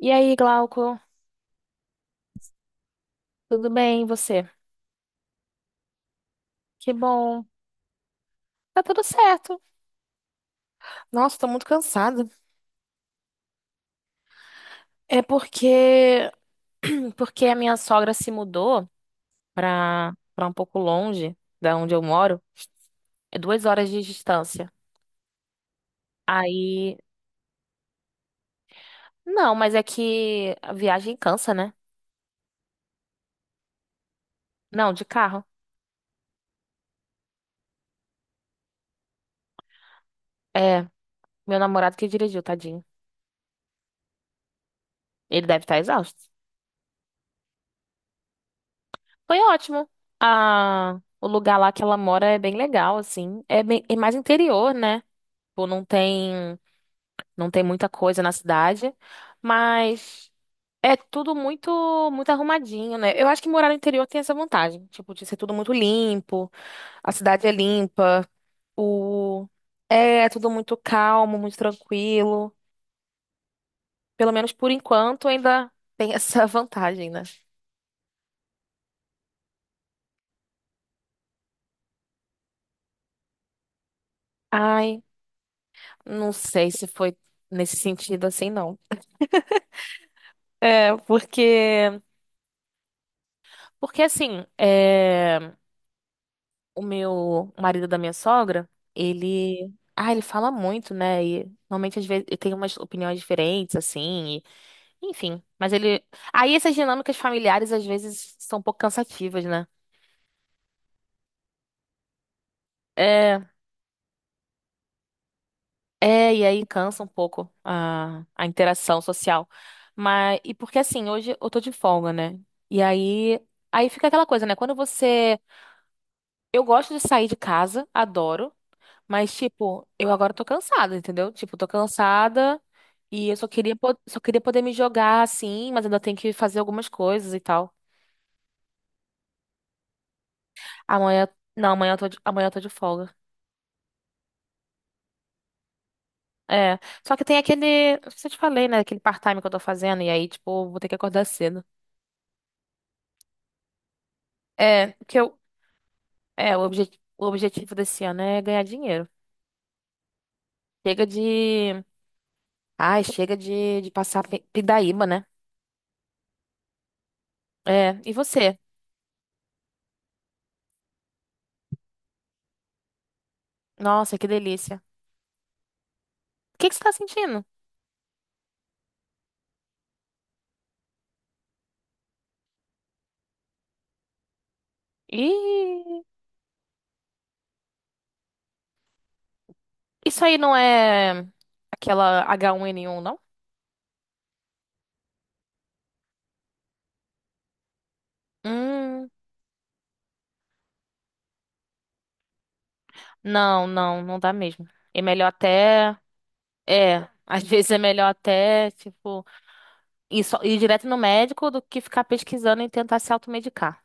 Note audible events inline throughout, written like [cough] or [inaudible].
E aí, Glauco? Tudo bem, e você? Que bom. Tá tudo certo. Nossa, tô muito cansada. É porque [clears throat] porque a minha sogra se mudou pra um pouco longe da onde eu moro. É 2 horas de distância. Aí, não, mas é que a viagem cansa, né? Não, de carro. É, meu namorado que dirigiu, tadinho. Ele deve estar exausto. Foi ótimo. Ah, o lugar lá que ela mora é bem legal, assim. É bem, é mais interior, né? Tipo, não tem. Não tem muita coisa na cidade, mas é tudo muito muito arrumadinho, né? Eu acho que morar no interior tem essa vantagem, tipo, de ser tudo muito limpo, a cidade é limpa, o é tudo muito calmo, muito tranquilo. Pelo menos por enquanto ainda tem essa [laughs] vantagem, né? Ai, não sei se foi nesse sentido assim, não. É, porque assim, é o meu marido da minha sogra, ele. Ah, ele fala muito, né? E normalmente às vezes ele tem umas opiniões diferentes, assim, enfim. Mas ele. Aí essas dinâmicas familiares às vezes são um pouco cansativas, né? É, é, e aí cansa um pouco a interação social. Mas, e porque assim, hoje eu tô de folga, né? E aí fica aquela coisa, né? Quando você. Eu gosto de sair de casa, adoro. Mas, tipo, eu agora tô cansada, entendeu? Tipo, tô cansada e eu só queria poder me jogar assim, mas ainda tenho que fazer algumas coisas e tal. Amanhã. Não, amanhã eu tô de folga. É. Só que tem aquele. Não sei se eu te falei, né? Aquele part-time que eu tô fazendo. E aí, tipo, eu vou ter que acordar cedo. É, porque eu. É, o objetivo desse ano é ganhar dinheiro. Chega de. Ai, chega de passar pindaíba, né? É. E você? Nossa, que delícia. O que que você tá sentindo? Ih. Isso aí não é aquela H1N1, não? Hum, não, não, não dá mesmo. É melhor até. É, às [laughs] vezes é melhor até, tipo, ir direto no médico do que ficar pesquisando e tentar se automedicar.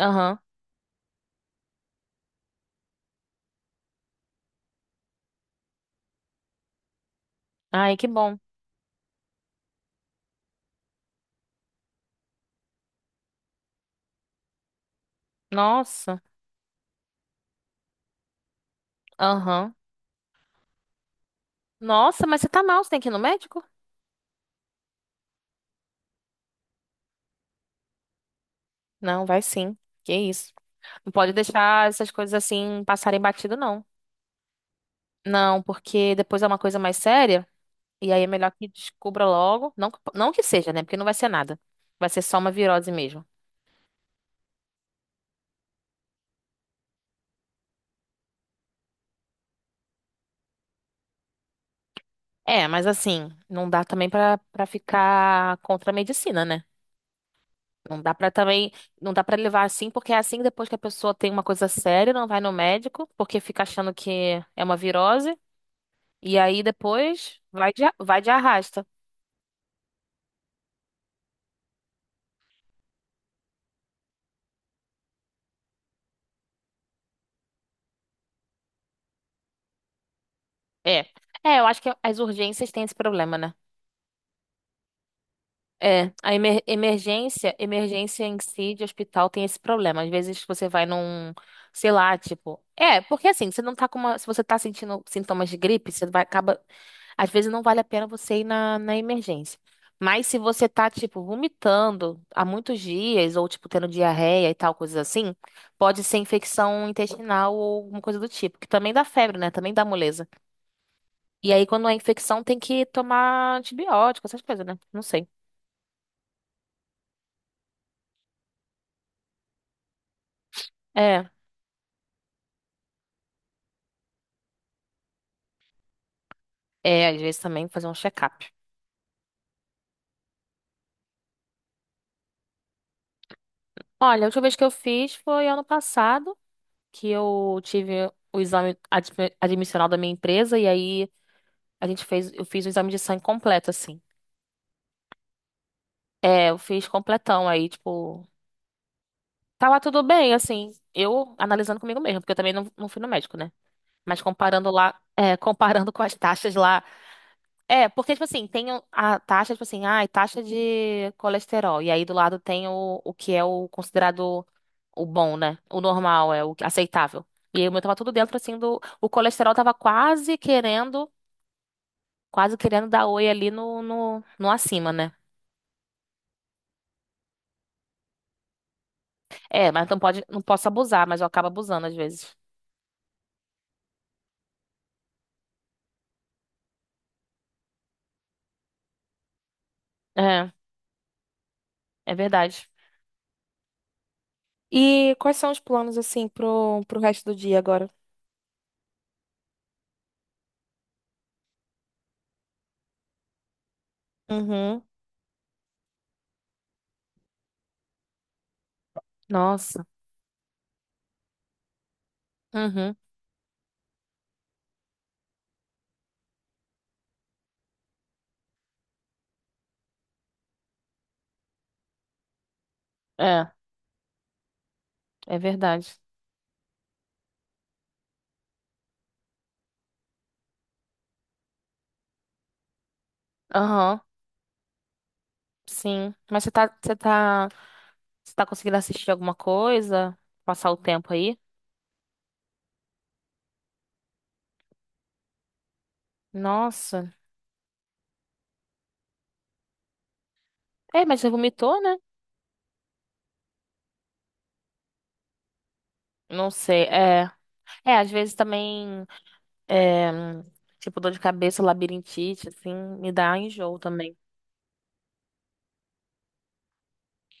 Aham. Ai, que bom. Nossa. Aham. Nossa, mas você tá mal, você tem que ir no médico? Não, vai sim. Que isso. Não pode deixar essas coisas assim passarem batido, não. Não, porque depois é uma coisa mais séria. E aí é melhor que descubra logo. Não, não que seja, né? Porque não vai ser nada. Vai ser só uma virose mesmo. É, mas assim, não dá também pra ficar contra a medicina, né? Não dá pra também, não dá pra levar assim, porque é assim que depois que a pessoa tem uma coisa séria, não vai no médico, porque fica achando que é uma virose, e aí depois vai de arrasta. É. É, eu acho que as urgências têm esse problema, né? É, a emergência em si de hospital tem esse problema. Às vezes você vai num, sei lá, tipo, é, porque assim, você não tá com uma, se você tá sentindo sintomas de gripe, você vai acaba, às vezes não vale a pena você ir na, emergência. Mas se você tá, tipo, vomitando há muitos dias ou tipo tendo diarreia e tal, coisas assim, pode ser infecção intestinal ou alguma coisa do tipo, que também dá febre, né? Também dá moleza. E aí quando é infecção tem que tomar antibiótico, essas coisas, né? Não sei. É. É, às vezes também fazer um check-up. Olha, a última vez que eu fiz foi ano passado, que eu tive o exame admissional da minha empresa, e aí eu fiz o exame de sangue completo, assim. É, eu fiz completão, aí, tipo, tava tudo bem, assim, eu analisando comigo mesmo porque eu também não fui no médico, né? Mas comparando com as taxas lá. É, porque, tipo assim, tem a taxa, tipo assim, taxa de colesterol. E aí do lado tem o que é o considerado o bom, né? O normal, é o aceitável. E aí o meu tava tudo dentro, assim, do. O colesterol tava quase querendo dar oi ali no acima, né? É, mas não pode, não posso abusar, mas eu acabo abusando às vezes. É, é verdade. E quais são os planos, assim, pro resto do dia agora? Uhum. Nossa. Uhum. É, é verdade. Aham. Sim. Mas você tá conseguindo assistir alguma coisa? Passar o tempo aí? Nossa. É, mas você vomitou, né? Não sei. É, é às vezes também, é, tipo, dor de cabeça, labirintite, assim, me dá enjoo também.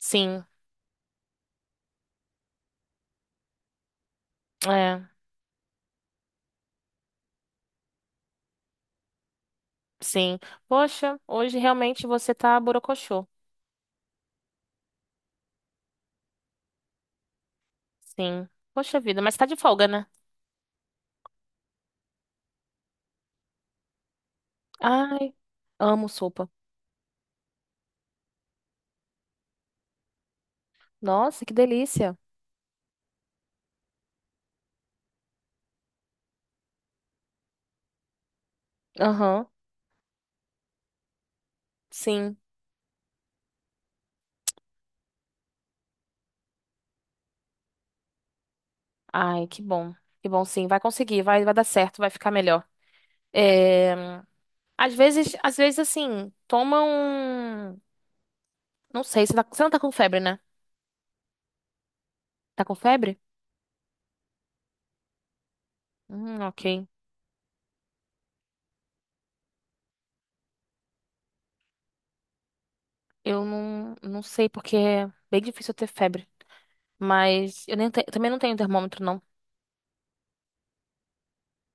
Sim, é, sim. Poxa, hoje realmente você tá borocochô. Sim. Poxa vida, mas tá de folga, né? Ai, amo sopa. Nossa, que delícia. Aham, sim. Ai, que bom. Que bom, sim. Vai conseguir, vai dar certo, vai ficar melhor. É, às vezes, às vezes, assim, toma um. Não sei, você não tá com febre, né? Tá com febre? Ok. Eu não sei, porque é bem difícil eu ter febre. Mas eu nem te- também não tenho termômetro, não.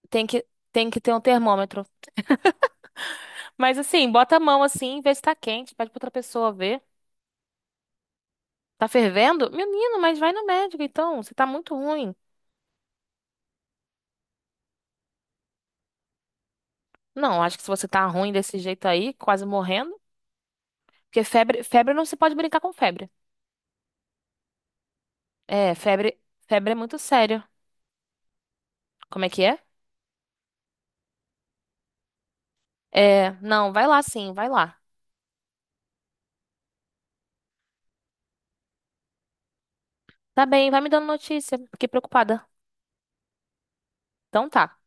Tem que, tem que ter um termômetro. Mas, assim, bota a mão assim, vê se tá quente, pede pra outra pessoa ver. Tá fervendo? Menino, mas vai no médico, então. Você tá muito ruim. Não, acho que se você tá ruim desse jeito aí, quase morrendo, porque febre, febre não se pode brincar com febre. É, febre, febre é muito sério. Como é que é? É, não, vai lá sim, vai lá. Tá bem, vai me dando notícia. Fiquei preocupada. Então tá.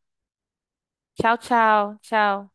Tchau, tchau, tchau.